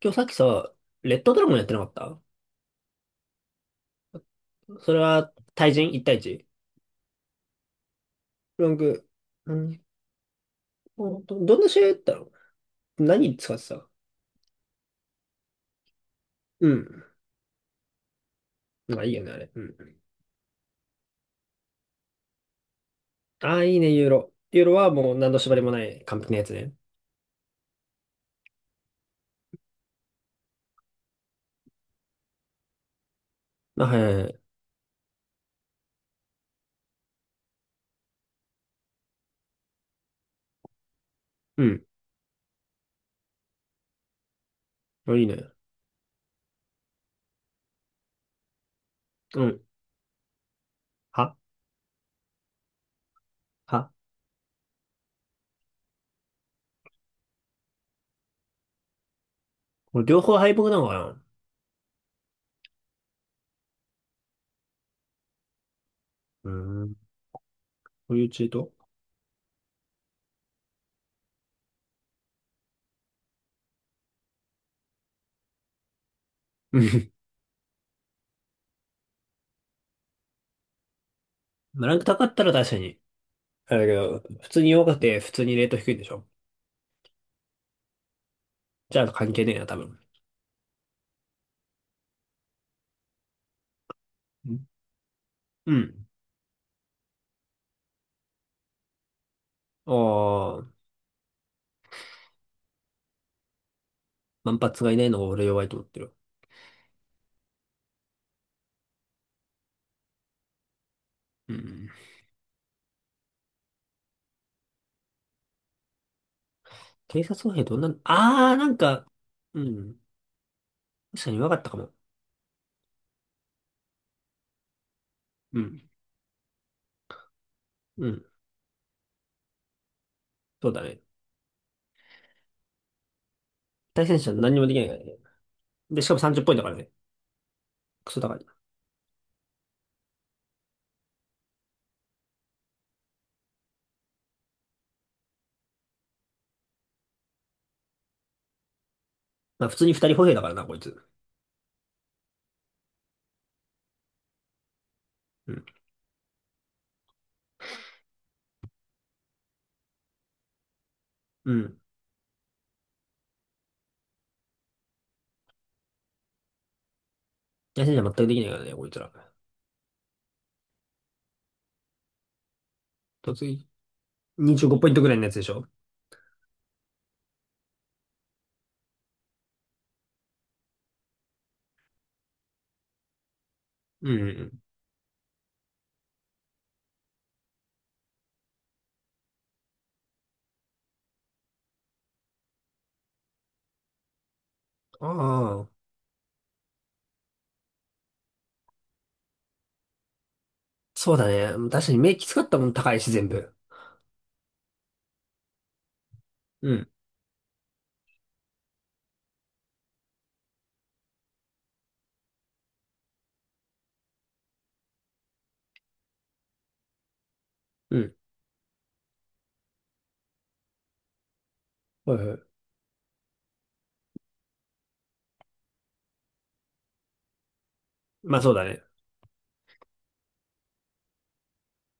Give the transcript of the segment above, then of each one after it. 今日さっきさ、レッドドラゴンやってなかった？それは対人 ?1 対 1？ ランク、うん。どんな試合やったの？何使ってた？うん。まあいいよね、あれ。うん。ああ、いいね、ユーロ。ユーロはもう何の縛りもない完璧なやつね。あ、はいはいはい。うん。あ、いいね。うん。はは。これ両方敗北なのかな？うーん。こういうチート？うん。まあランク高かったら確かに。あれだけど、普通に弱くて普通にレート低いんでしょ？じゃあ関係ねえな、多分。うん。ああ。万発がいないのが俺弱いと思ってる。うん。偵察歩兵どんな、なんか、うん。確かに弱かったかも。うん。うん。そうだね。対戦者何にもできないからね。で、しかも30ポイントだからね。クソ高い。まあ普通に2人歩兵だからな、こいつ。うん。うん。対戦者全くできないからね、こいつら。突撃。25ポイントぐらいのやつでしょ？うんうんうん。ああ、そうだね。確かに目きつかったもん高いし、全部。うん。うん。はいはい。まあそうだね。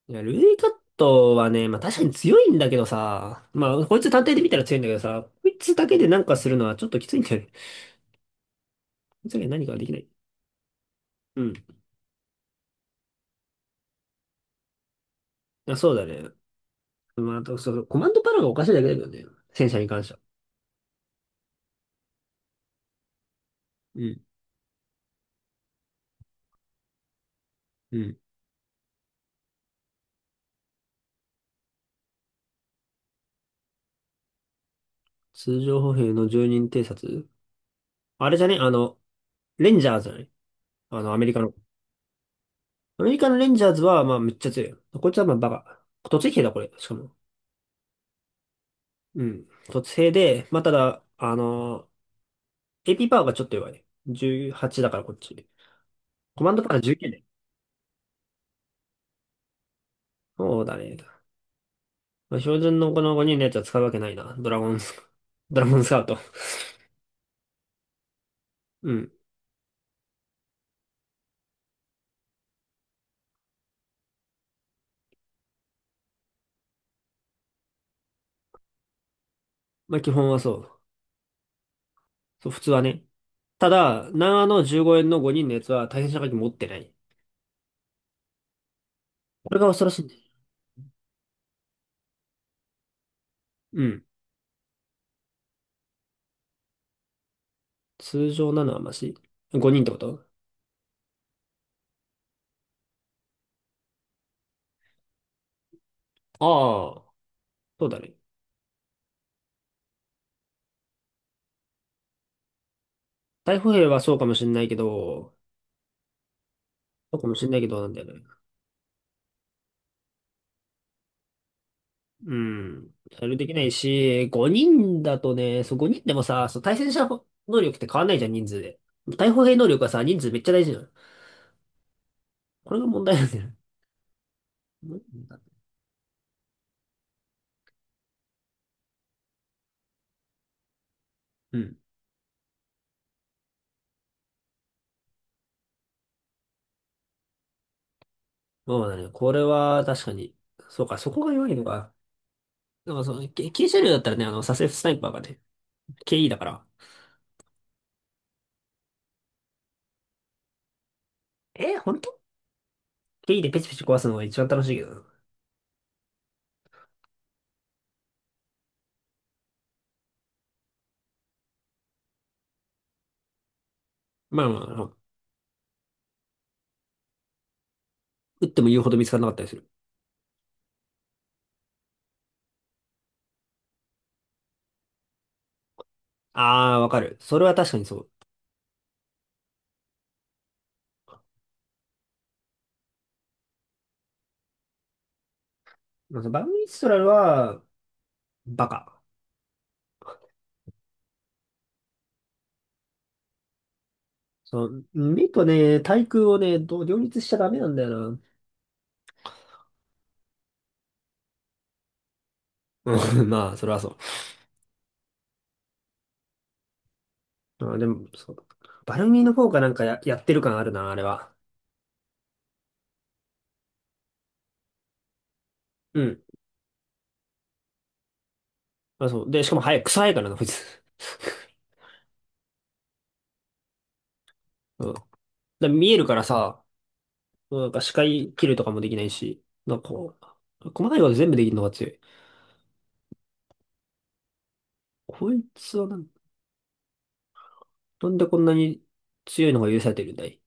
いや、ルイカットはね、まあ確かに強いんだけどさ、まあこいつ単体で見たら強いんだけどさ、こいつだけでなんかするのはちょっときついんだよね。こいつだけで何かはできない。うん。あ、そうだね。まあ、あとそう、コマンドパラがおかしいだけだけどね。戦車に関しては。うん。うん。通常歩兵の住人偵察？あれじゃねあの、レンジャーズじゃない？あの、アメリカの。アメリカのレンジャーズは、まあめっちゃ強い。こいつはまあバカ。突撃兵だ、これ。しかも。うん。卒生で、まあ、ただ、あのエー、AP パワーがちょっと弱い。18だからこっち。コマンドパワー19ね。そうだね。まあ、標準のこの5人のやつは使うわけないな。ドラゴンス、ドラゴンスカウト。うん。まあ、基本はそう。そう、普通はね。ただ、長野15円の5人のやつは対戦射撃持ってない。これが恐ろしいね。うん。通常なのはマシ。5人ってこと？ああ、そうだね。台風兵はそうかもしんないけど、そうかもしんないけどなんだよね。うん。それできないし、5人だとね、そう5人でもさ、そう対戦者能力って変わんないじゃん、人数で。対歩兵能力はさ、人数めっちゃ大事なの。これが問題なんだよね。うん。まあね、これは確かに、そうか、そこが弱いのか。なんかその、軽車両だったらね、あの、サセフスナイパーがね、KE だから。えー、本当 ?KE でペチペチ壊すのが一番楽しいけどな。まあまあ、撃っても言うほど見つからなかったりする。あー、わかる。それは確かにそう。まあバグミストラルは、バカ。そう、メとね、対空をね、どう両立しちゃダメなんだよな。うん、まあ、それはそう。あ、でも、そう。バルミの方がなんかやってる感あるな、あれは。うん。あ、そう。で、しかも早い、草早いからな、こいつ。うん。で、見えるからさ、なんか視界切るとかもできないし、なんかこう、細かいこと全部できるのが強い。こいつはなんでこんなに強いのが許されてるんだい？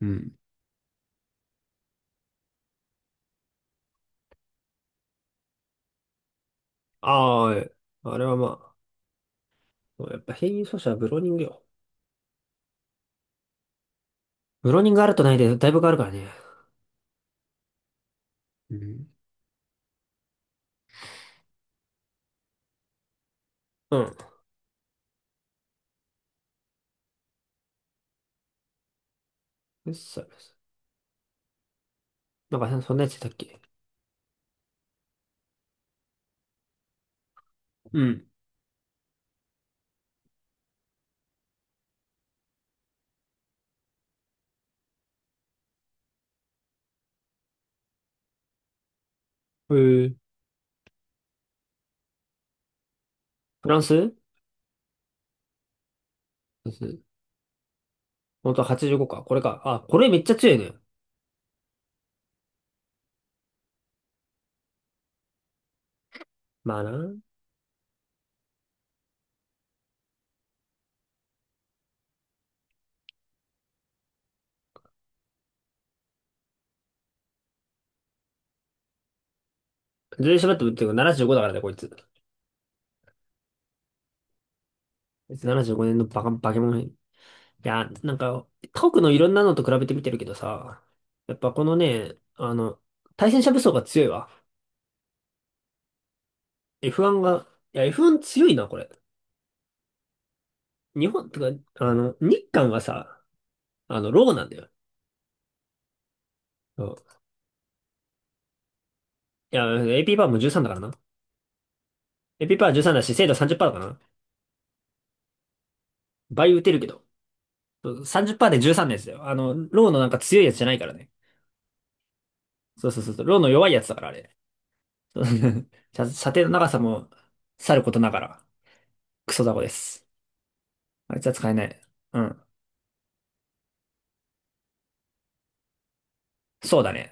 うん。ああ、え、あれはまあ、やっぱ変異素子はブローニングよ。ブローニングあるとないで、だいぶ変わるからね。うん。うん。フッサルス。なんか、そんなやついたっけ？うん。えー、フランス本当は85か。これか。あ、これめっちゃ強いね。まあな。全然喋ってもっていうか75だからね、こいつ。こいつ75年のバカ、バケモン。いや、なんか、他国のいろんなのと比べてみてるけどさ、やっぱこのね、あの、対戦車武装が強いわ。F1 が、いや、F1 強いな、これ。日本、とか、あの、日韓がさ、あの、ローなんだよ。そういや、AP パワーも13だからな。AP パワー13だし、精度30%だからな。倍打てるけど。30%で13ですよ。あの、ローのなんか強いやつじゃないからね。そうそうそうそう。ローの弱いやつだから、あれ。そう 射程の長さもさることながら、クソ雑魚です。あいつは使えない。うん。そうだね。